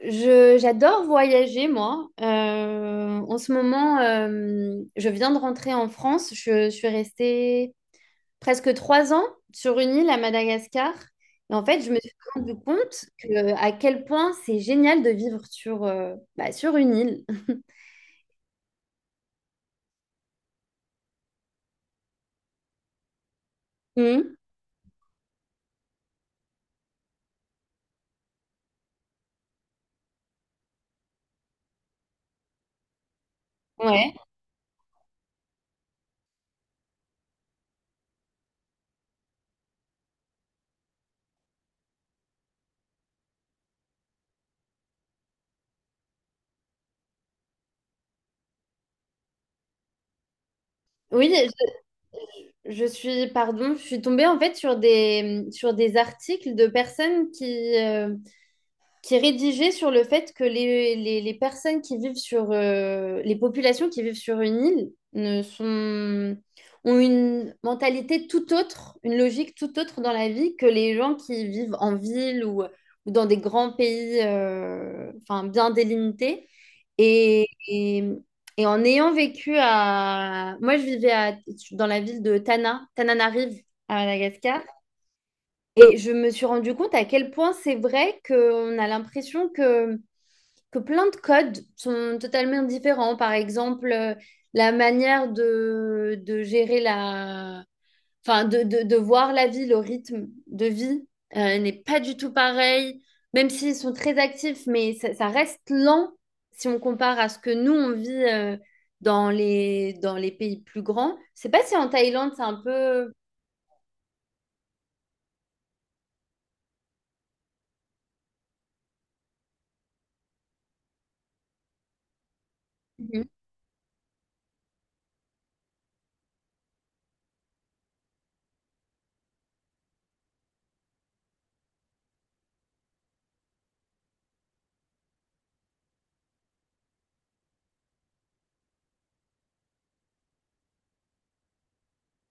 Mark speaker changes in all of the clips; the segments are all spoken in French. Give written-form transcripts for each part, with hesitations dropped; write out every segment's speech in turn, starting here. Speaker 1: J'adore voyager, moi. En ce moment, je viens de rentrer en France. Je suis restée presque 3 ans sur une île à Madagascar. Et en fait, je me suis rendu compte, que, à quel point c'est génial de vivre sur une île. Mhm. Ouais. Oui, je suis tombée en fait sur des articles de personnes qui est rédigé sur le fait que les, les personnes qui vivent sur les populations qui vivent sur une île ne sont, ont une mentalité tout autre, une logique tout autre dans la vie que les gens qui vivent en ville, ou dans des grands pays, enfin, bien délimités. Et, et, et en ayant vécu à... Moi, je vivais à- dans la ville de Tana, Tananarive, à Madagascar. Et je me suis rendu compte à quel point c'est vrai qu'on a l'impression que plein de codes sont totalement différents. Par exemple, la manière de gérer la... Enfin, de voir la vie, le rythme de vie n'est pas du tout pareil, même s'ils sont très actifs, mais ça reste lent si on compare à ce que nous, on vit, dans les pays plus grands. Je sais pas si en Thaïlande, c'est un peu... Mhm.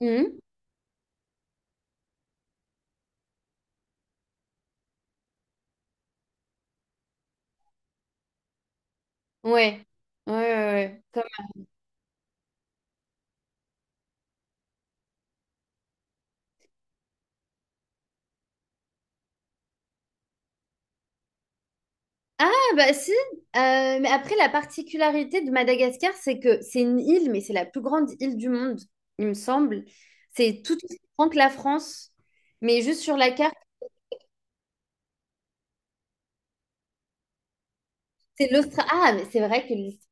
Speaker 1: Mhm. Ouais. Ouais, ouais, ouais. Ah, bah, si. Mais après, la particularité de Madagascar, c'est que c'est une île, mais c'est la plus grande île du monde, il me semble. C'est tout aussi grand que la France, mais juste sur la carte, c'est l'Australie. Ah, mais c'est vrai que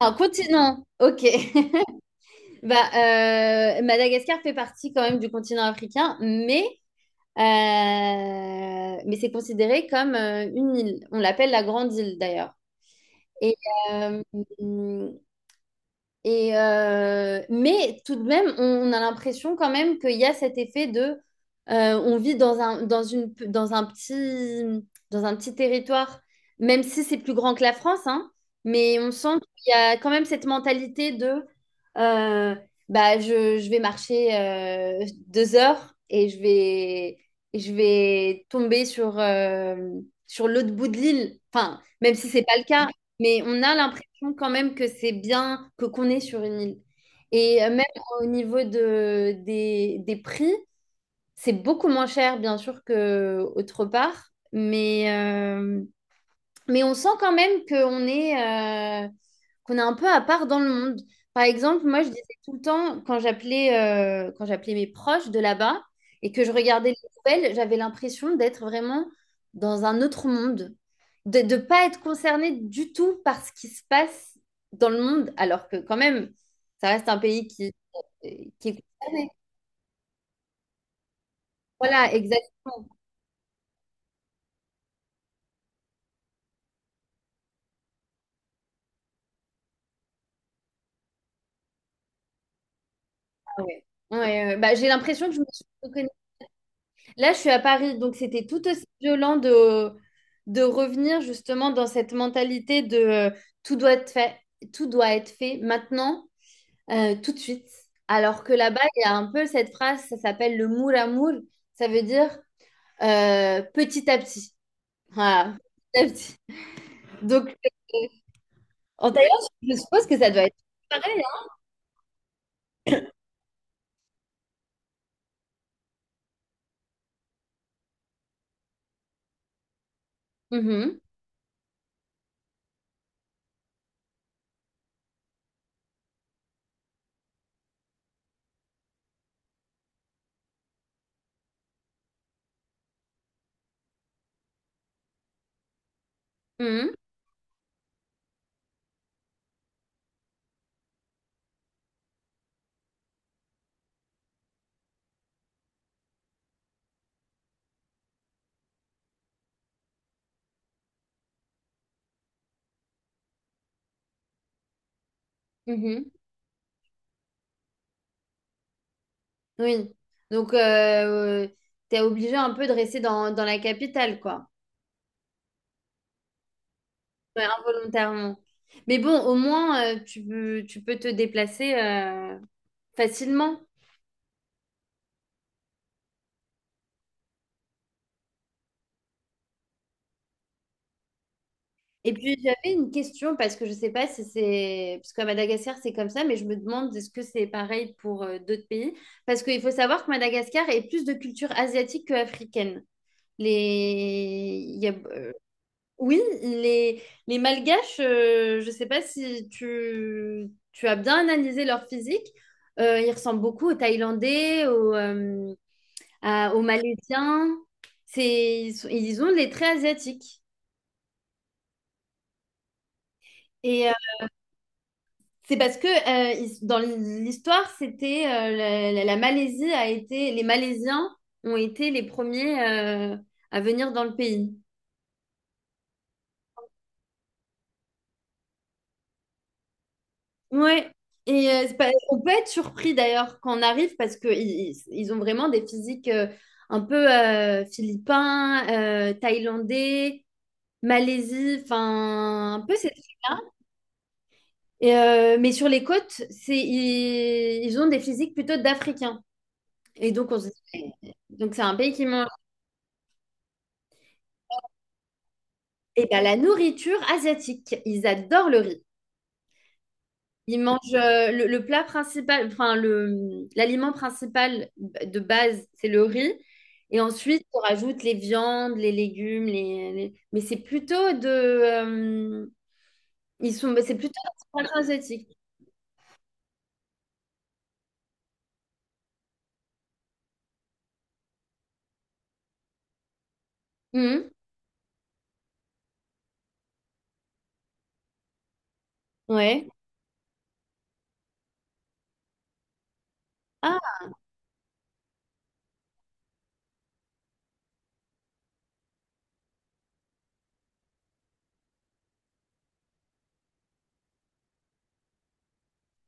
Speaker 1: un continent, ok. Bah, Madagascar fait partie quand même du continent africain, mais euh, mais c'est considéré comme une île. On l'appelle la grande île d'ailleurs. Et euh, mais tout de même, on a l'impression quand même qu'il y a cet effet de, on vit dans un, dans une, dans un petit territoire, même si c'est plus grand que la France, hein, mais on sent qu'il y a quand même cette mentalité euh, je vais marcher 2 heures, et je vais tomber sur l'autre bout de l'île. Enfin, même si c'est pas le cas, mais on a l'impression sens quand même que c'est bien que qu'on est sur une île. Et, même au niveau des prix, c'est beaucoup moins cher, bien sûr, qu'autre part. Mais on sent quand même qu'on est un peu à part dans le monde. Par exemple, moi, je disais tout le temps, quand j'appelais mes proches de là-bas et que je regardais les nouvelles, j'avais l'impression d'être vraiment dans un autre monde, de ne pas être concernée du tout par ce qui se passe dans le monde, alors que quand même, ça reste un pays qui est concerné. Voilà, exactement. Ah, ouais. Ouais, ouais. Bah, j'ai l'impression que je me suis reconnue. Là, je suis à Paris, donc c'était tout aussi violent de revenir justement dans cette mentalité de, tout doit être fait, tout doit être fait maintenant, tout de suite. Alors que là-bas, il y a un peu cette phrase, ça s'appelle le moule à moule, ça veut dire, petit à petit. Voilà, petit à petit. Donc, euh, en Thaïlande, je suppose que ça doit être pareil, hein. Mhm, mhm, mhm. Oui. Donc, tu es obligé un peu de rester dans la capitale, quoi. Ouais, involontairement. Mais bon, au moins, tu peux te déplacer facilement. Et puis, j'avais une question, parce que je ne sais pas si c'est... Parce qu'à Madagascar, c'est comme ça, mais je me demande est-ce que c'est pareil pour d'autres pays? Parce qu'il faut savoir que Madagascar est plus de culture asiatique que africaine. Les... il y a- Oui, les Malgaches, je ne sais pas si tu as bien analysé leur physique. Ils ressemblent beaucoup aux Thaïlandais, aux Malaisiens. Ils ont les traits asiatiques. Et euh, c'est parce que, dans l'histoire, c'était, la Malaisie a été, les Malaisiens ont été les premiers, à venir dans le pays. Ouais. Et c'est pas- On peut être surpris d'ailleurs quand on arrive parce que ils ont vraiment des physiques, un peu, philippins, thaïlandais, Malaisie, enfin un peu ces trucs. Mais sur les côtes, ils ont des physiques plutôt d'Africains. Et donc, donc c'est un pays qui mange. Et bien, la nourriture asiatique, ils adorent le riz. Ils mangent, le plat principal, enfin, l'aliment principal de base, c'est le riz. Et ensuite, on rajoute les viandes, les légumes, mais c'est plutôt de. C'est plutôt d'inspiration asiatique. Mhm. Ouais. Ah,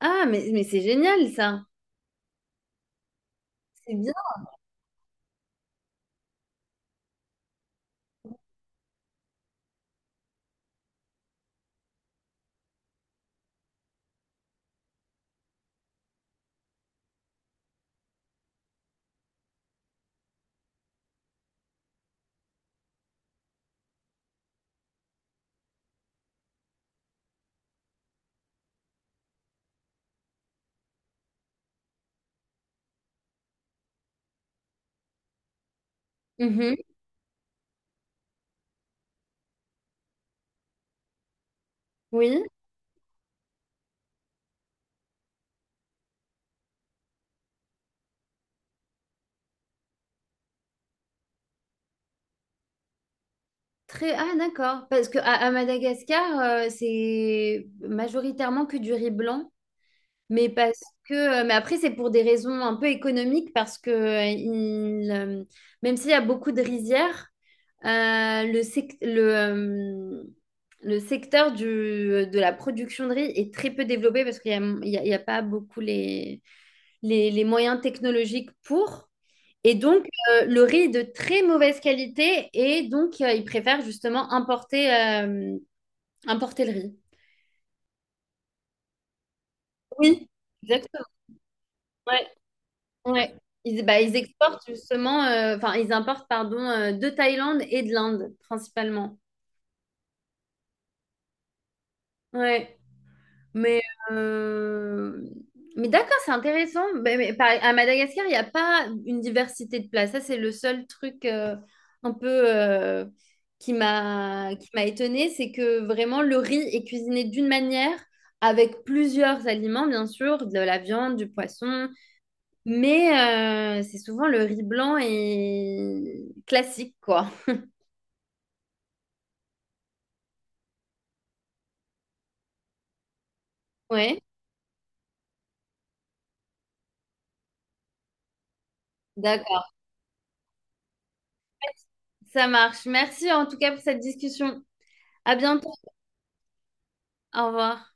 Speaker 1: mais c'est génial, ça. C'est bien. Mhm. Oui. Très, ah, d'accord, parce que à Madagascar, c'est majoritairement que du riz blanc, mais parce que, mais après c'est pour des raisons un peu économiques, parce que même s'il y a beaucoup de rizières, euh, le, sec- le, euh, le secteur de la production de riz est très peu développé parce qu'il n'y a, il y a pas beaucoup les moyens technologiques pour. Et donc, le riz est de très mauvaise qualité et donc, ils préfèrent justement importer, importer le riz. Oui, exactement. Ouais, ouais. Bah, ils exportent justement, enfin, ils importent, pardon, de Thaïlande et de l'Inde, principalement. Ouais. Mais, euh, mais d'accord, c'est intéressant. Mais à Madagascar, il n'y a pas une diversité de places. Ça, c'est le seul truc, un peu, qui m'a étonnée, c'est que vraiment le riz est cuisiné d'une manière avec plusieurs aliments, bien sûr, de la viande, du poisson, mais, c'est souvent le riz blanc et classique, quoi. Ouais, d'accord, ça marche. Merci en tout cas pour cette discussion. À bientôt. Au revoir.